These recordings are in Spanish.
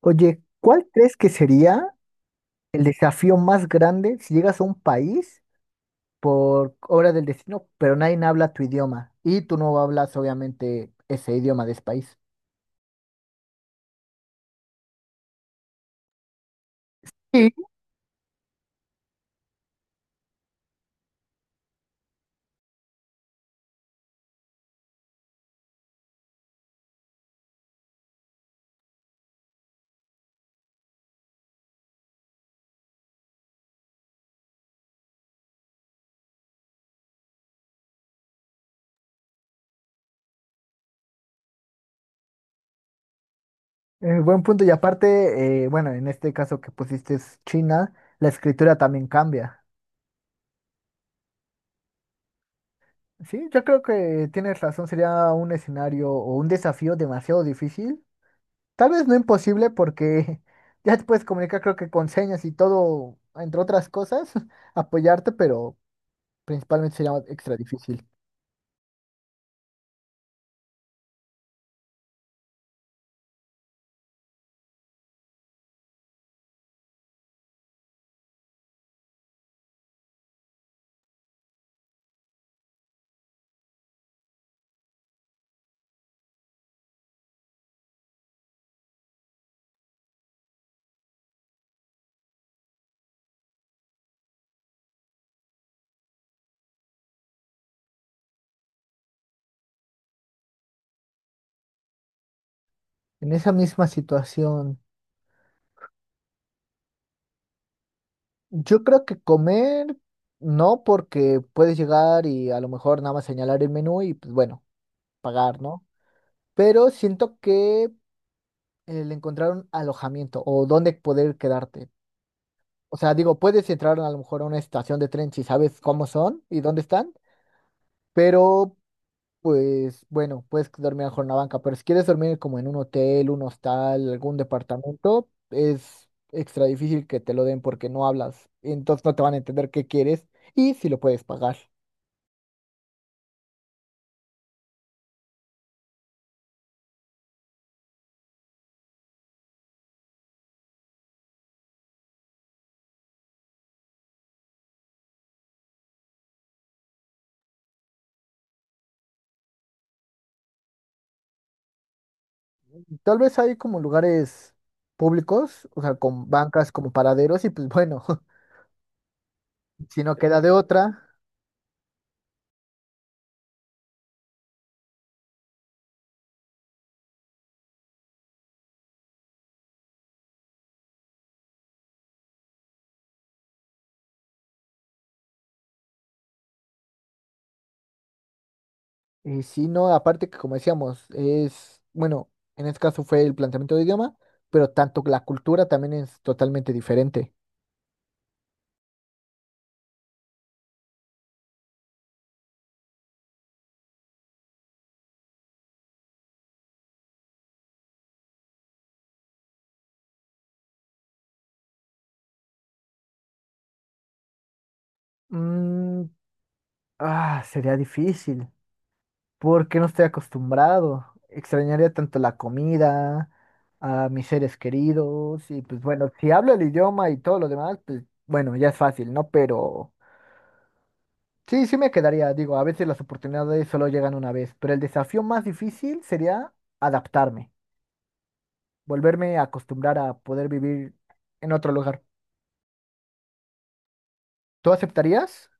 Oye, ¿cuál crees que sería el desafío más grande si llegas a un país por obra del destino, pero nadie habla tu idioma y tú no hablas obviamente ese idioma de ese país? Sí. Buen punto, y aparte, bueno, en este caso que pusiste es China, la escritura también cambia. Sí, yo creo que tienes razón, sería un escenario o un desafío demasiado difícil, tal vez no imposible porque ya te puedes comunicar creo que con señas y todo, entre otras cosas, apoyarte, pero principalmente sería extra difícil. En esa misma situación, yo creo que comer no, porque puedes llegar y a lo mejor nada más señalar el menú y pues bueno, pagar, ¿no? Pero siento que el encontrar un alojamiento o dónde poder quedarte. O sea, digo, puedes entrar a lo mejor a una estación de tren si sabes cómo son y dónde están, pero pues bueno, puedes dormir mejor en la banca, pero si quieres dormir como en un hotel, un hostal, algún departamento, es extra difícil que te lo den porque no hablas, entonces no te van a entender qué quieres y si lo puedes pagar. Tal vez hay como lugares públicos, o sea, con bancas como paraderos y pues bueno, si no queda de otra, y si no, aparte que como decíamos, es, bueno, en este caso fue el planteamiento de idioma, pero tanto la cultura también es totalmente diferente. Mm, ah, sería difícil, porque no estoy acostumbrado. Extrañaría tanto la comida, a mis seres queridos, y pues bueno, si hablo el idioma y todo lo demás, pues bueno, ya es fácil, ¿no? Pero sí, sí me quedaría, digo, a veces las oportunidades solo llegan una vez, pero el desafío más difícil sería adaptarme, volverme a acostumbrar a poder vivir en otro lugar. ¿Tú aceptarías?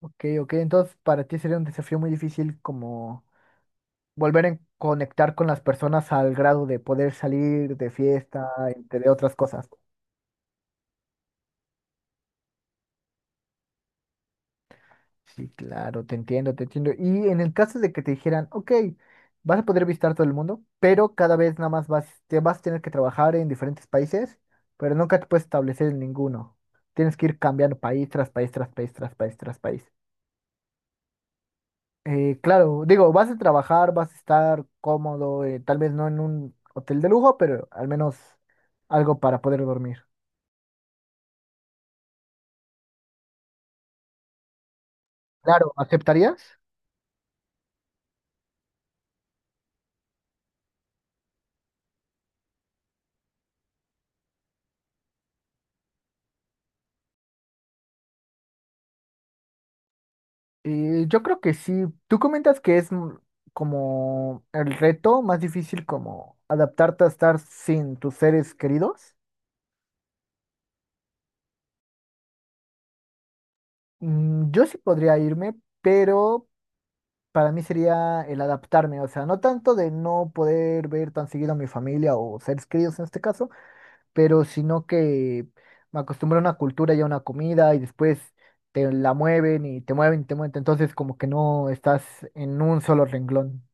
Ok, ok, entonces para ti sería un desafío muy difícil como volver a conectar con las personas al grado de poder salir de fiesta, entre otras cosas. Sí, claro, te entiendo, te entiendo. Y en el caso de que te dijeran, ok, vas a poder visitar todo el mundo, pero cada vez nada más vas, te vas a tener que trabajar en diferentes países, pero nunca te puedes establecer en ninguno. Tienes que ir cambiando país tras país, tras país, tras país, tras país. Claro, digo, vas a trabajar, vas a estar cómodo, tal vez no en un hotel de lujo, pero al menos algo para poder dormir. Claro, ¿aceptarías? Yo creo que sí. Tú comentas que es mm, como el reto más difícil como adaptarte a estar sin tus seres queridos. Mm, yo sí podría irme, pero para mí sería el adaptarme, o sea, no tanto de no poder ver tan seguido a mi familia o seres queridos en este caso, pero sino que me acostumbré a una cultura y a una comida y después te la mueven y te mueven y te mueven, entonces como que no estás en un solo renglón.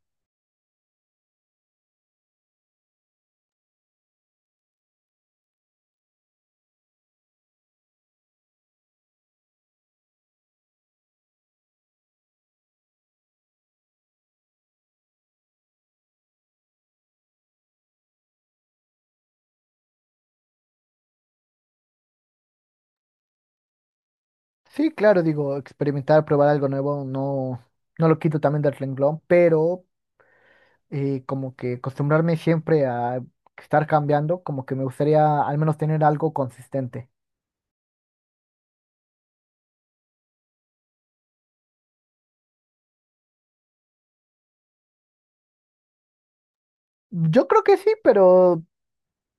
Sí, claro, digo, experimentar, probar algo nuevo, no, no lo quito también del renglón, pero como que acostumbrarme siempre a estar cambiando, como que me gustaría al menos tener algo consistente. Yo creo que sí, pero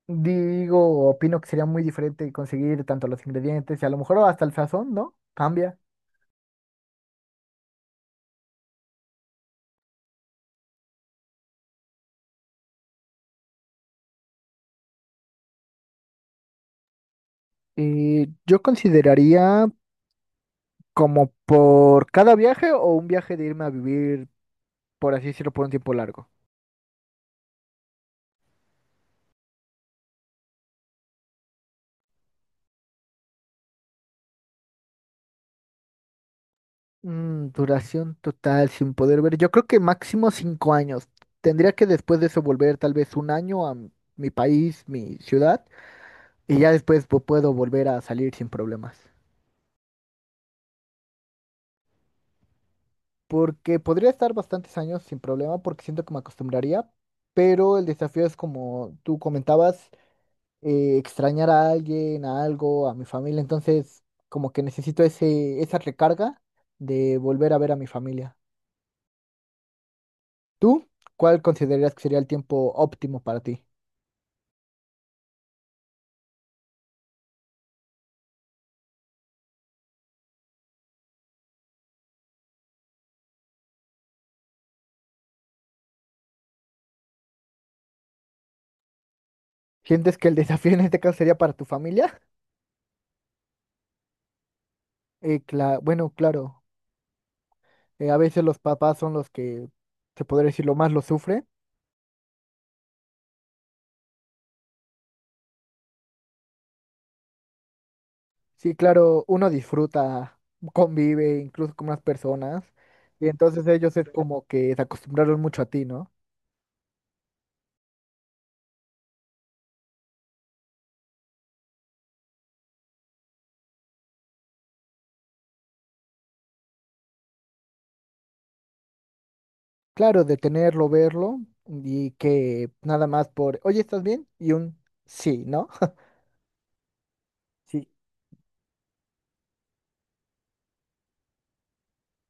digo, opino que sería muy diferente conseguir tanto los ingredientes y a lo mejor hasta el sazón, ¿no? Cambia. Yo consideraría como por cada viaje o un viaje de irme a vivir, por así decirlo, por un tiempo largo. Mm, duración total sin poder ver. Yo creo que máximo 5 años. Tendría que después de eso volver tal vez un año a mi país, mi ciudad, y ya después puedo volver a salir sin problemas. Porque podría estar bastantes años sin problema porque siento que me acostumbraría, pero el desafío es como tú comentabas, extrañar a alguien, a algo, a mi familia. Entonces, como que necesito esa recarga de volver a ver a mi familia. ¿Tú? ¿Cuál considerarías que sería el tiempo óptimo para ti? ¿Sientes que el desafío en este caso sería para tu familia? Bueno, claro, a veces los papás son los que, se podría decir, lo más lo sufren. Sí, claro, uno disfruta, convive incluso con unas personas, y entonces ellos es como que se acostumbraron mucho a ti, ¿no? Claro, de tenerlo, verlo, y que nada más por, oye, ¿estás bien? Y un sí, ¿no? Sí.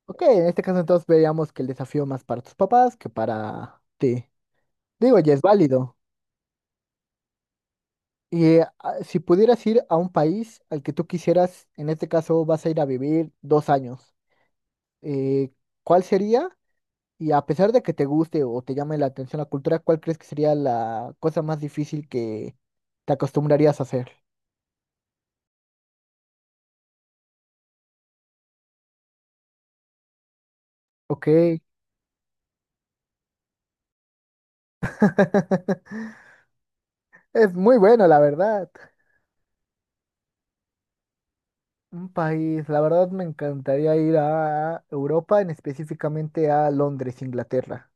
Ok, en este caso entonces veríamos que el desafío más para tus papás que para ti. Digo, ya es válido. Y si pudieras ir a un país al que tú quisieras, en este caso vas a ir a vivir 2 años, eh, ¿cuál sería? Y a pesar de que te guste o te llame la atención la cultura, ¿cuál crees que sería la cosa más difícil que te acostumbrarías a hacer? Ok, es muy bueno, la verdad. Un país, la verdad me encantaría ir a Europa, en específicamente a Londres, Inglaterra.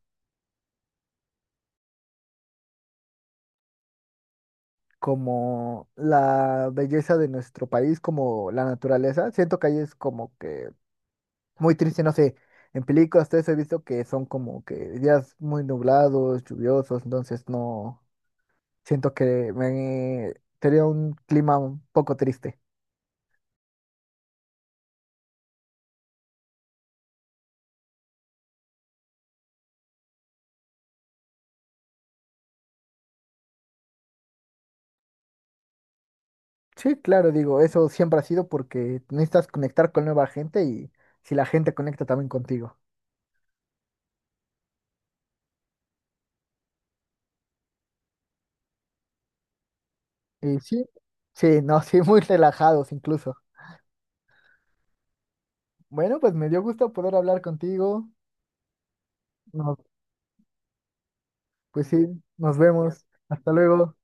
Como la belleza de nuestro país, como la naturaleza. Siento que ahí es como que muy triste, no sé, en películas todo eso he visto que son como que días muy nublados, lluviosos, entonces no, siento que me sería un clima un poco triste. Sí, claro, digo, eso siempre ha sido porque necesitas conectar con nueva gente y si la gente conecta también contigo. Y sí, sí, no, sí, muy relajados incluso. Bueno, pues me dio gusto poder hablar contigo. Nos pues sí, nos vemos. Hasta luego.